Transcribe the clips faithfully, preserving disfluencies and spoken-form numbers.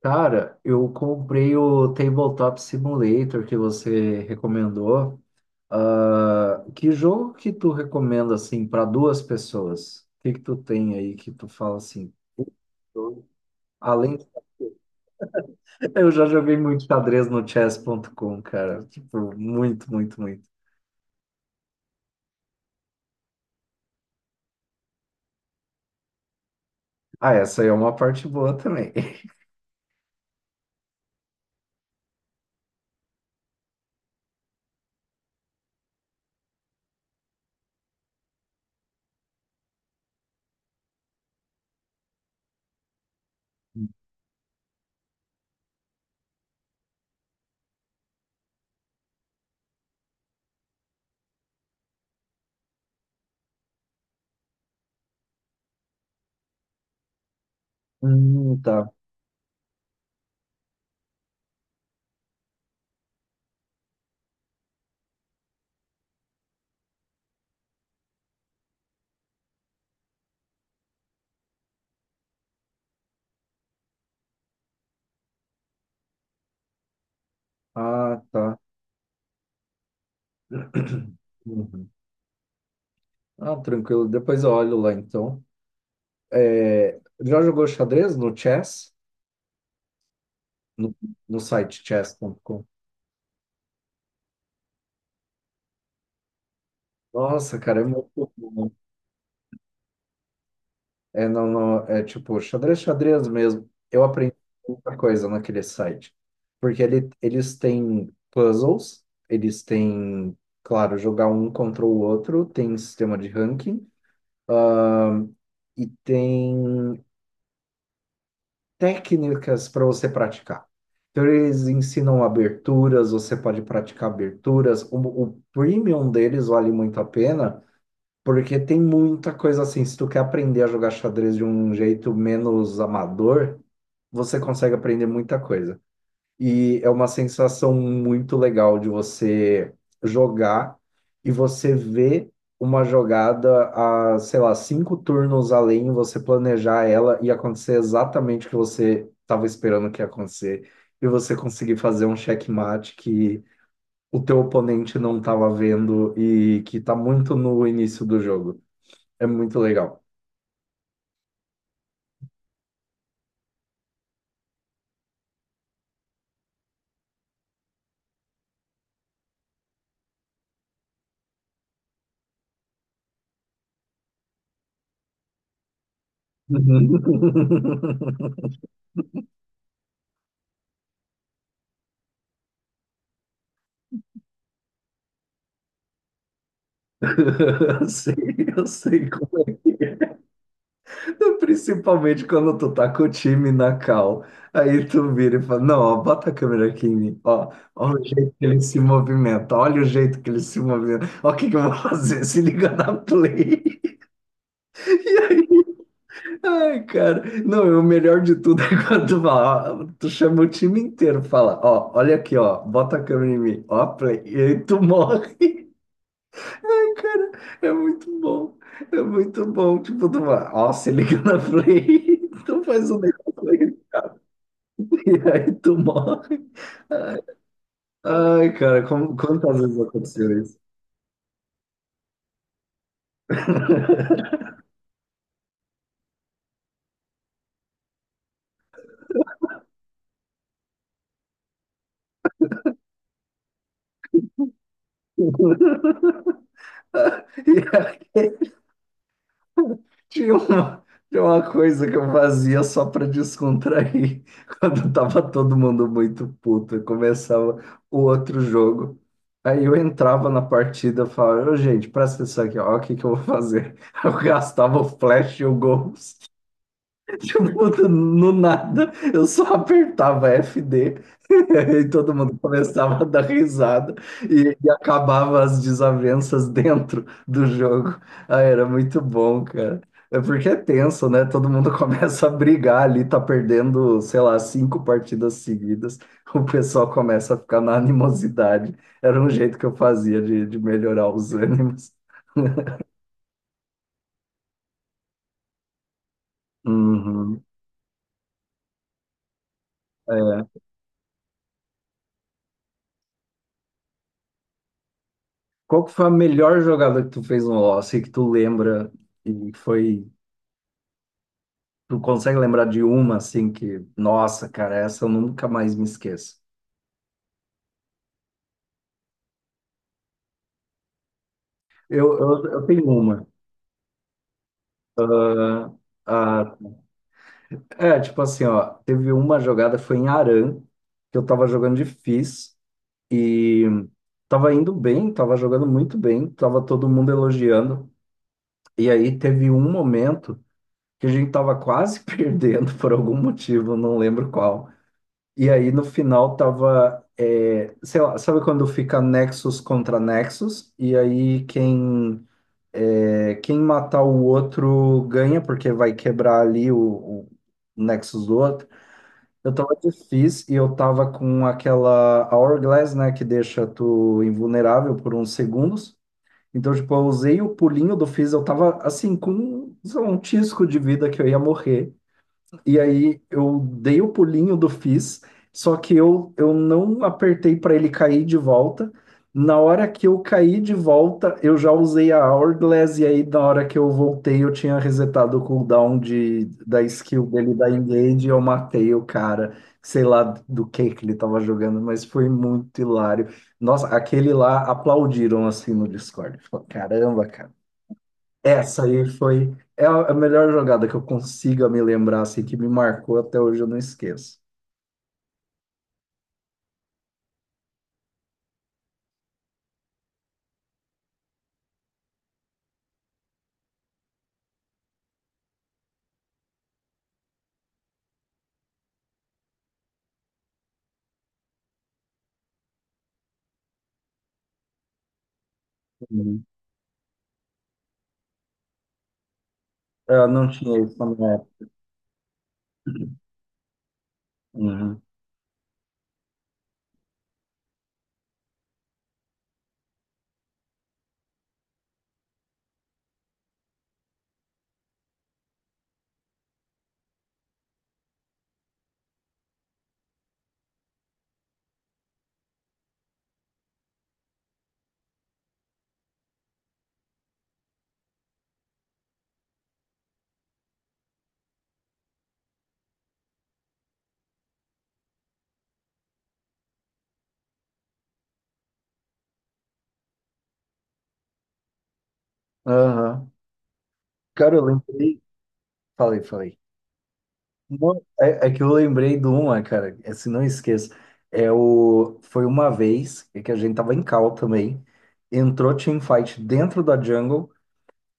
Cara, eu comprei o Tabletop Simulator que você recomendou. Ah, que jogo que tu recomenda assim para duas pessoas? O que que tu tem aí que tu fala assim? eu- Além, eu já joguei muito xadrez no chess ponto com, cara. Tipo, muito, muito, muito. Ah, essa aí é uma parte boa também. Hum, tá. Ah, tá. Uhum. Ah, tranquilo. Depois eu olho lá então. É, já jogou xadrez no chess? no, no site chess ponto com. Nossa, cara, é muito bom. É, não, não, é tipo xadrez, xadrez mesmo. Eu aprendi muita coisa naquele site. Porque ele, eles têm puzzles, eles têm, claro, jogar um contra o outro, tem sistema de ranking, ahn, e tem técnicas para você praticar. Então, eles ensinam aberturas, você pode praticar aberturas. O, o premium deles vale muito a pena. Porque tem muita coisa assim. Se tu quer aprender a jogar xadrez de um jeito menos amador, você consegue aprender muita coisa. E é uma sensação muito legal de você jogar e você ver uma jogada a, sei lá, cinco turnos além, você planejar ela e acontecer exatamente o que você estava esperando que ia acontecer. E você conseguir fazer um checkmate que o teu oponente não estava vendo e que está muito no início do jogo. É muito legal. Sim, eu sei como é. Então, principalmente quando tu tá com o time na cal. Aí tu vira e fala: Não, ó, bota a câmera aqui em mim. Ó, olha o jeito que ele se movimenta. Olha o jeito que ele se movimenta. Ó, o que que eu vou fazer? Se liga na play. E aí, ai, cara. Não, e o melhor de tudo é quando tu fala: ó, tu chama o time inteiro, fala: Ó, olha aqui, ó, bota a câmera em mim. Ó, a play. E aí tu morre. Cara, é muito bom. É muito bom. Tipo, tu vai, ó, se liga na Play, tu faz um negócio aí, e aí tu morre. Ai, ai, cara, como, quantas vezes aconteceu isso? E aí, Tinha uma, tinha uma coisa que eu fazia só para descontrair quando tava todo mundo muito puto. Eu começava o outro jogo. Aí eu entrava na partida e falava, "Ô, gente, presta atenção aqui, ó, o que que eu vou fazer?" Eu gastava o flash e o ghost. Tipo, do- no nada, eu só apertava F D. E aí todo mundo começava a dar risada e, e acabava as desavenças dentro do jogo. Ah, era muito bom, cara. É porque é tenso, né? Todo mundo começa a brigar ali, tá perdendo, sei lá, cinco partidas seguidas. O pessoal começa a ficar na animosidade. Era um jeito que eu fazia de, de melhorar os ânimos. Uhum, é. Qual que foi a melhor jogada que tu fez no LoL? Assim, que tu lembra e foi. Tu consegue lembrar de uma assim que, nossa, cara, essa eu nunca mais me esqueço. Eu, eu, eu tenho uma. Ah, ah, é, tipo assim, ó, teve uma jogada, foi em Aran, que eu tava jogando de Fizz e tava indo bem, tava jogando muito bem, tava todo mundo elogiando. E aí teve um momento que a gente tava quase perdendo por algum motivo, não lembro qual. E aí no final tava, é, sei lá, sabe quando fica Nexus contra Nexus? E aí quem, é, quem matar o outro ganha, porque vai quebrar ali o, o Nexus do outro. Eu tava de Fizz e eu tava com aquela Hourglass, né, que deixa tu invulnerável por uns segundos. Então, tipo, eu usei o pulinho do Fizz, eu tava assim, com sei lá, um tisco de vida que eu ia morrer. E aí eu dei o pulinho do Fizz, só que eu, eu não apertei para ele cair de volta. Na hora que eu caí de volta, eu já usei a Hourglass, e aí na hora que eu voltei, eu tinha resetado o cooldown de, da skill dele da Engage, e eu matei o cara, sei lá do que que ele tava jogando, mas foi muito hilário. Nossa, aquele lá aplaudiram assim no Discord. Falou, caramba, cara. Essa aí foi é a a melhor jogada que eu consiga me lembrar, assim, que me marcou até hoje, eu não esqueço. Uhum. Eu não tinha isso na minha época. Uhum. Aham. Cara, eu lembrei. Falei, falei. Não, é, é que eu lembrei de uma, cara, é, se não esqueço. É o... Foi uma vez que a gente tava em cal também. Entrou teamfight dentro da jungle.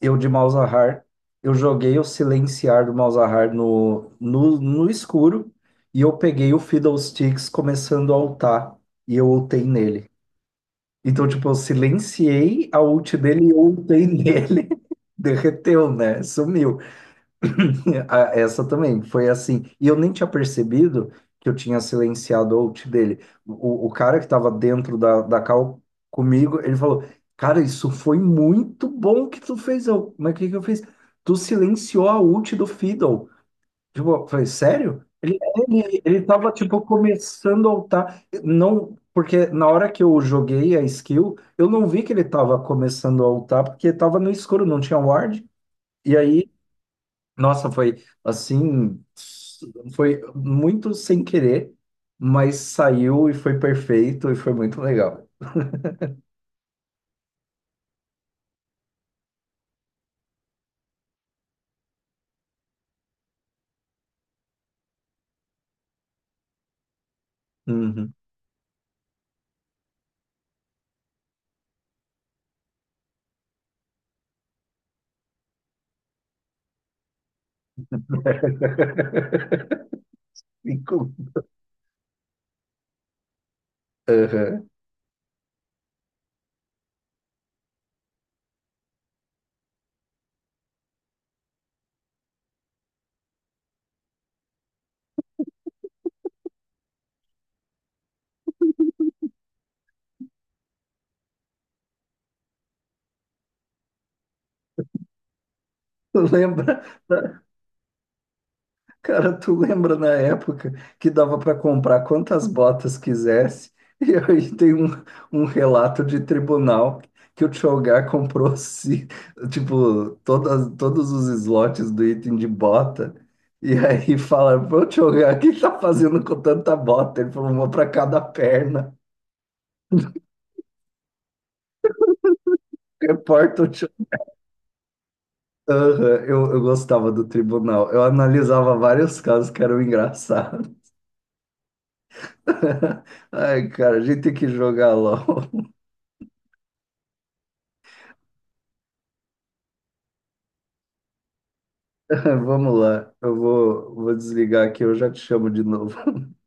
Eu de Malzahar, eu joguei o Silenciar do Malzahar no, no, no escuro e eu peguei o Fiddlesticks começando a ultar e eu ultei nele. Então, tipo, eu silenciei a ult dele e eu ultei nele. Derreteu, né? Sumiu. Ah, essa também foi assim. E eu nem tinha percebido que eu tinha silenciado o out dele. O, o cara que estava dentro da, da call comigo, ele falou: Cara, isso foi muito bom que tu fez. Eu, mas o que que eu fiz? Tu silenciou a ult do Fiddle. Tipo, eu falei: Sério? Ele, ele, ele tava, tipo, começando a ultar. Não, porque na hora que eu joguei a skill, eu não vi que ele tava começando a ultar, porque tava no escuro, não tinha ward. E aí nossa, foi assim, foi muito sem querer, mas saiu e foi perfeito e foi muito legal. Uhum. Ficou- Aham. Lembra? Cara, tu lembra na época que dava para comprar quantas botas quisesse? E aí tem um, um relato de tribunal que o Tchogar comprou, se, tipo, todas, todos os slots do item de bota. E aí fala, ô Tchogar, o que tá fazendo com tanta bota? Ele falou, uma para cada perna. Reporta o Tchogar. Aham, eu, eu gostava do tribunal. Eu analisava vários casos que eram engraçados. Ai, cara, a gente tem que jogar LOL. Vamos lá, eu vou, vou desligar aqui, eu já te chamo de novo.